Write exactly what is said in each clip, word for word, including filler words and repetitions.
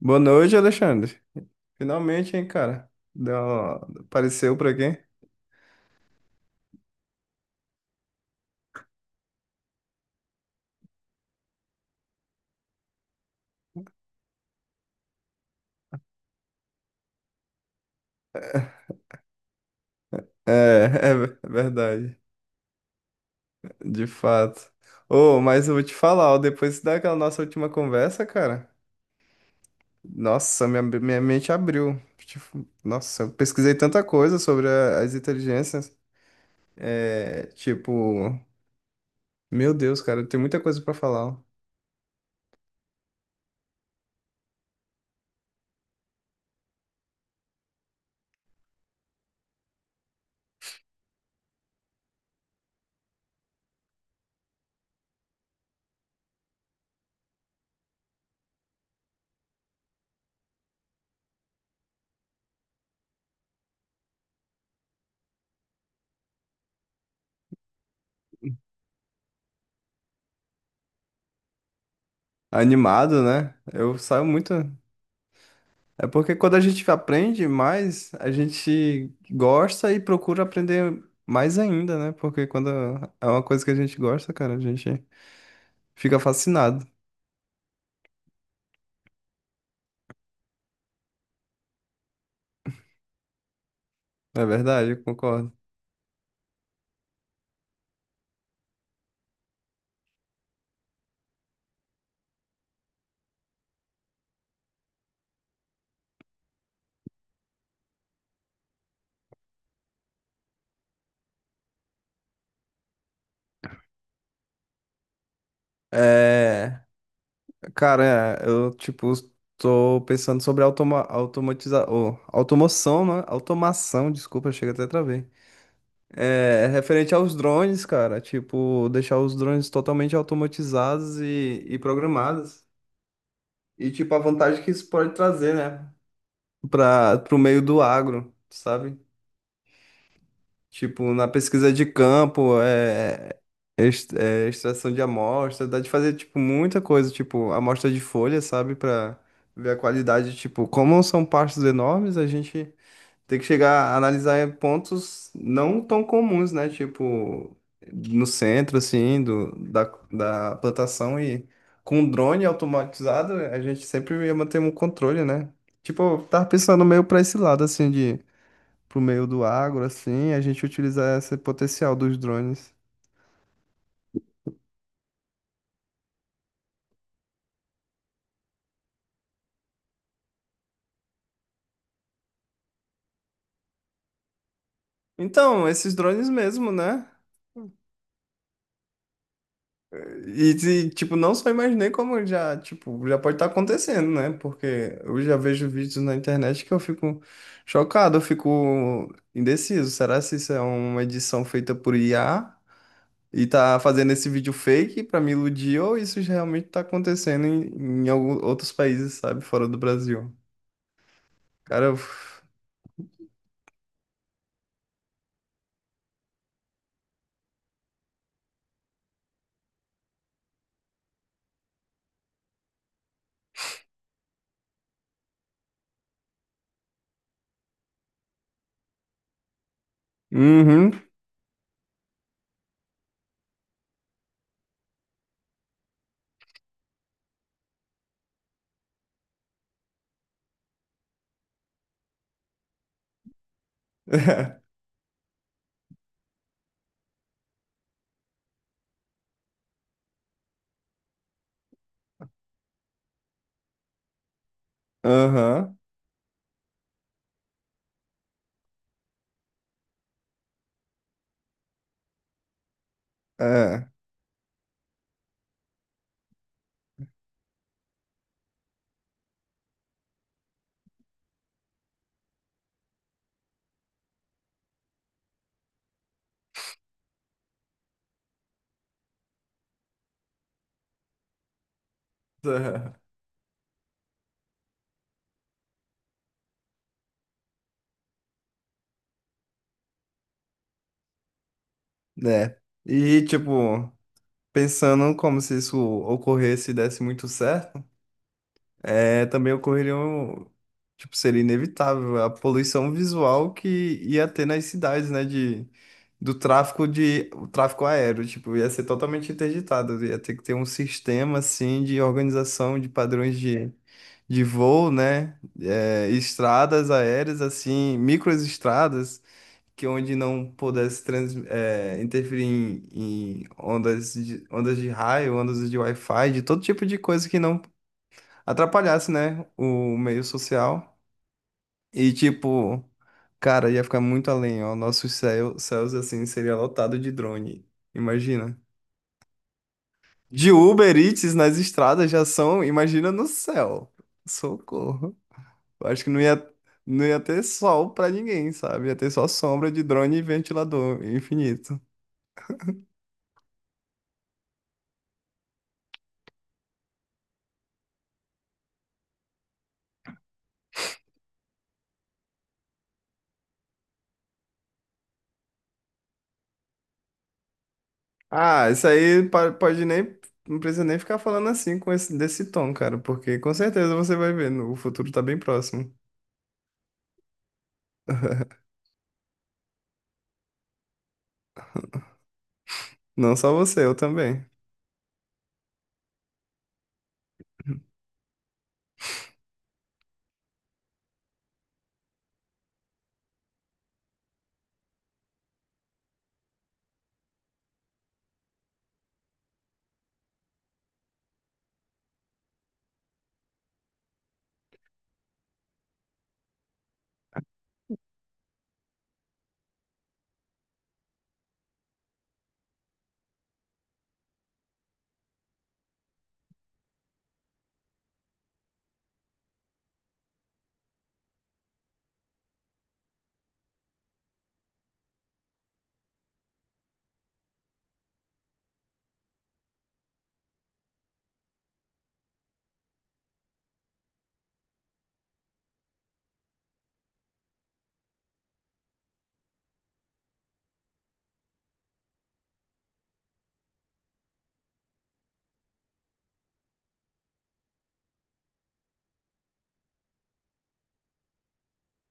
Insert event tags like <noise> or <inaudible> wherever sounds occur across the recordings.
Boa noite, Alexandre. Finalmente, hein, cara? Deu uma- apareceu por aqui? É, <laughs> é ver- verdade, de fato. Ô, mas eu vou te falar, ó, depois daquela nossa última conversa, cara, nossa, minha, minha mente abriu. Tipo, nossa, eu pesquisei tanta coisa sobre a- as inteligências. É, tipo, meu Deus, cara, tem muita coisa pra falar, ó. Animado, né? Eu saio muito. É porque quando a gente aprende mais, a gente gosta e procura aprender mais ainda, né? Porque quando é uma coisa que a gente gosta, cara, a gente fica fascinado. É verdade, eu concordo. É, cara, é, eu, tipo, tô pensando sobre automa automatiza ô, automoção, né? Automação, desculpa, chega até travei. É, referente aos drones, cara, tipo, deixar os drones totalmente automatizados e, e programados. E, tipo, a vantagem que isso pode trazer, né? Para o meio do agro, sabe? Tipo, na pesquisa de campo, é, é ex- é, extração de amostra, dá de fazer, tipo, muita coisa, tipo, amostra de folha, sabe? Para ver a qualidade, tipo, como são pastos enormes, a gente tem que chegar a analisar pontos não tão comuns, né? Tipo, no centro, assim, do, da, da plantação e com drone automatizado, a gente sempre ia manter um controle, né? Tipo, eu tava pensando meio pra esse lado, assim, de pro meio do agro, assim, e a gente utilizar esse potencial dos drones. Então, esses drones mesmo, né? E, e, tipo, não só imaginei como já, tipo, já pode estar acontecendo, né? Porque eu já vejo vídeos na internet que eu fico chocado, eu fico indeciso. Será se isso é uma edição feita por I A e tá fazendo esse vídeo fake pra me iludir ou isso já realmente tá acontecendo em, em algum- outros países, sabe? Fora do Brasil. Cara, eu... Uhum. <laughs> Aham, é, <laughs> né. E, tipo, pensando como se isso ocorresse e desse muito certo, é, também ocorreria um, tipo, seria inevitável a poluição visual que ia ter nas cidades, né, de, do tráfico de, o tráfico aéreo, tipo, ia ser totalmente interditado, ia ter que ter um sistema, assim, de organização de padrões de, de voo, né, é, estradas aéreas, assim, microestradas, que onde não pudesse trans, é, interferir em, em ondas de, ondas de raio, ondas de Wi-Fi, de todo tipo de coisa que não atrapalhasse, né, o meio social. E tipo, cara, ia ficar muito além, ó. Nossos céu, céus assim seria lotado de drone. Imagina. De Uber Eats nas estradas já são, imagina no céu. Socorro. Eu acho que não ia não ia ter sol pra ninguém, sabe? Ia ter só sombra de drone e ventilador infinito. Ah, isso aí pa- pode nem. Não precisa nem ficar falando assim com esse, desse tom, cara, porque com certeza você vai ver, no- o futuro tá bem próximo. Não só você, eu também.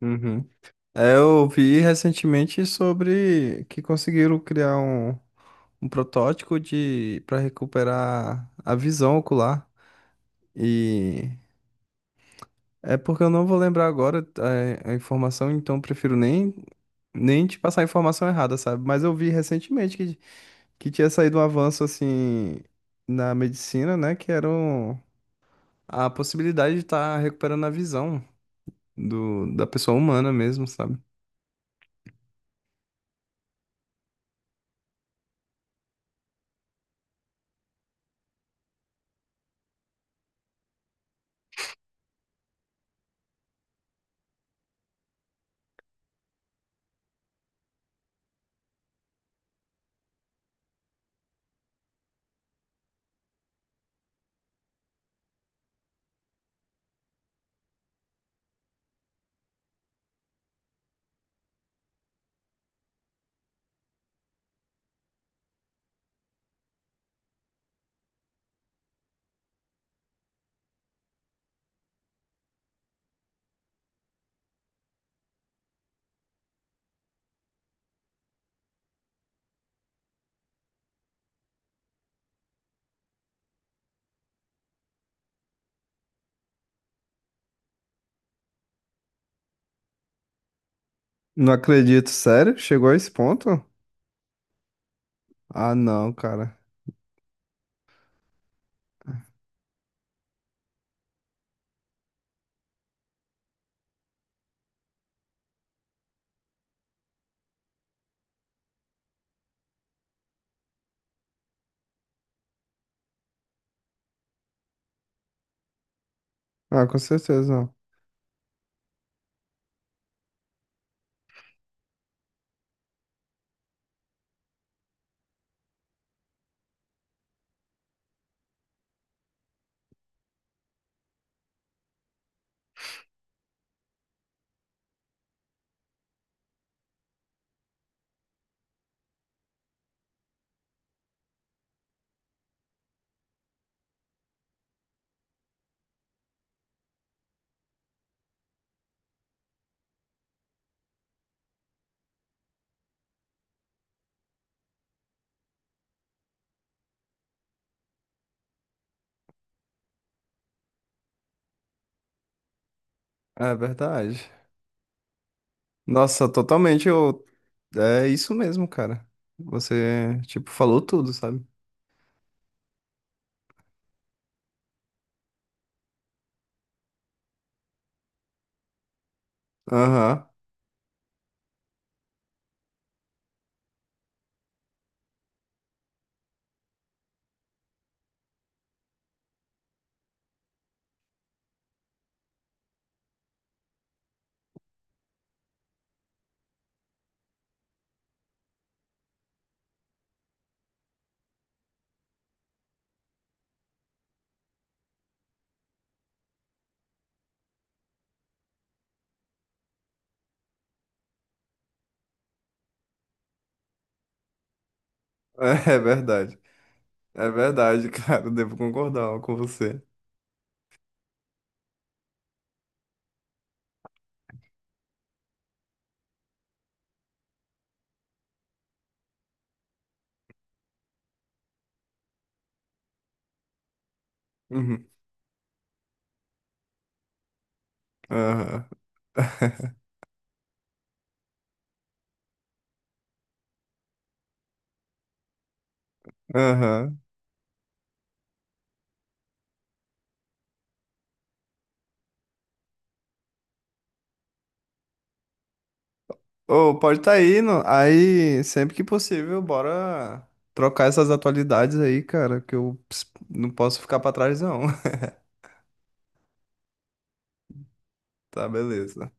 Uhum. É, eu vi recentemente sobre que conseguiram criar um, um protótipo de para recuperar a visão ocular. E é porque eu não vou lembrar agora a, a informação, então prefiro nem, nem te passar a informação errada, sabe? Mas eu vi recentemente que tinha saído um avanço assim na medicina, né? Que era o- a possibilidade de estar recuperando a visão do, da pessoa humana mesmo, sabe? Não acredito, sério? Chegou a esse ponto? Ah, não, cara. Ah, com certeza não. É verdade. Nossa, totalmente eu. É isso mesmo, cara. Você, tipo, falou tudo, sabe? Aham. <laughs> É é verdade. É verdade, <laughs> cara. Devo concordar com você. Uhum. Aham. <laughs> Aham. Ô, pode estar tá indo. Aí, sempre que possível, bora trocar essas atualidades aí, cara, que eu ps- não posso ficar pra trás, não. <laughs> Tá, beleza.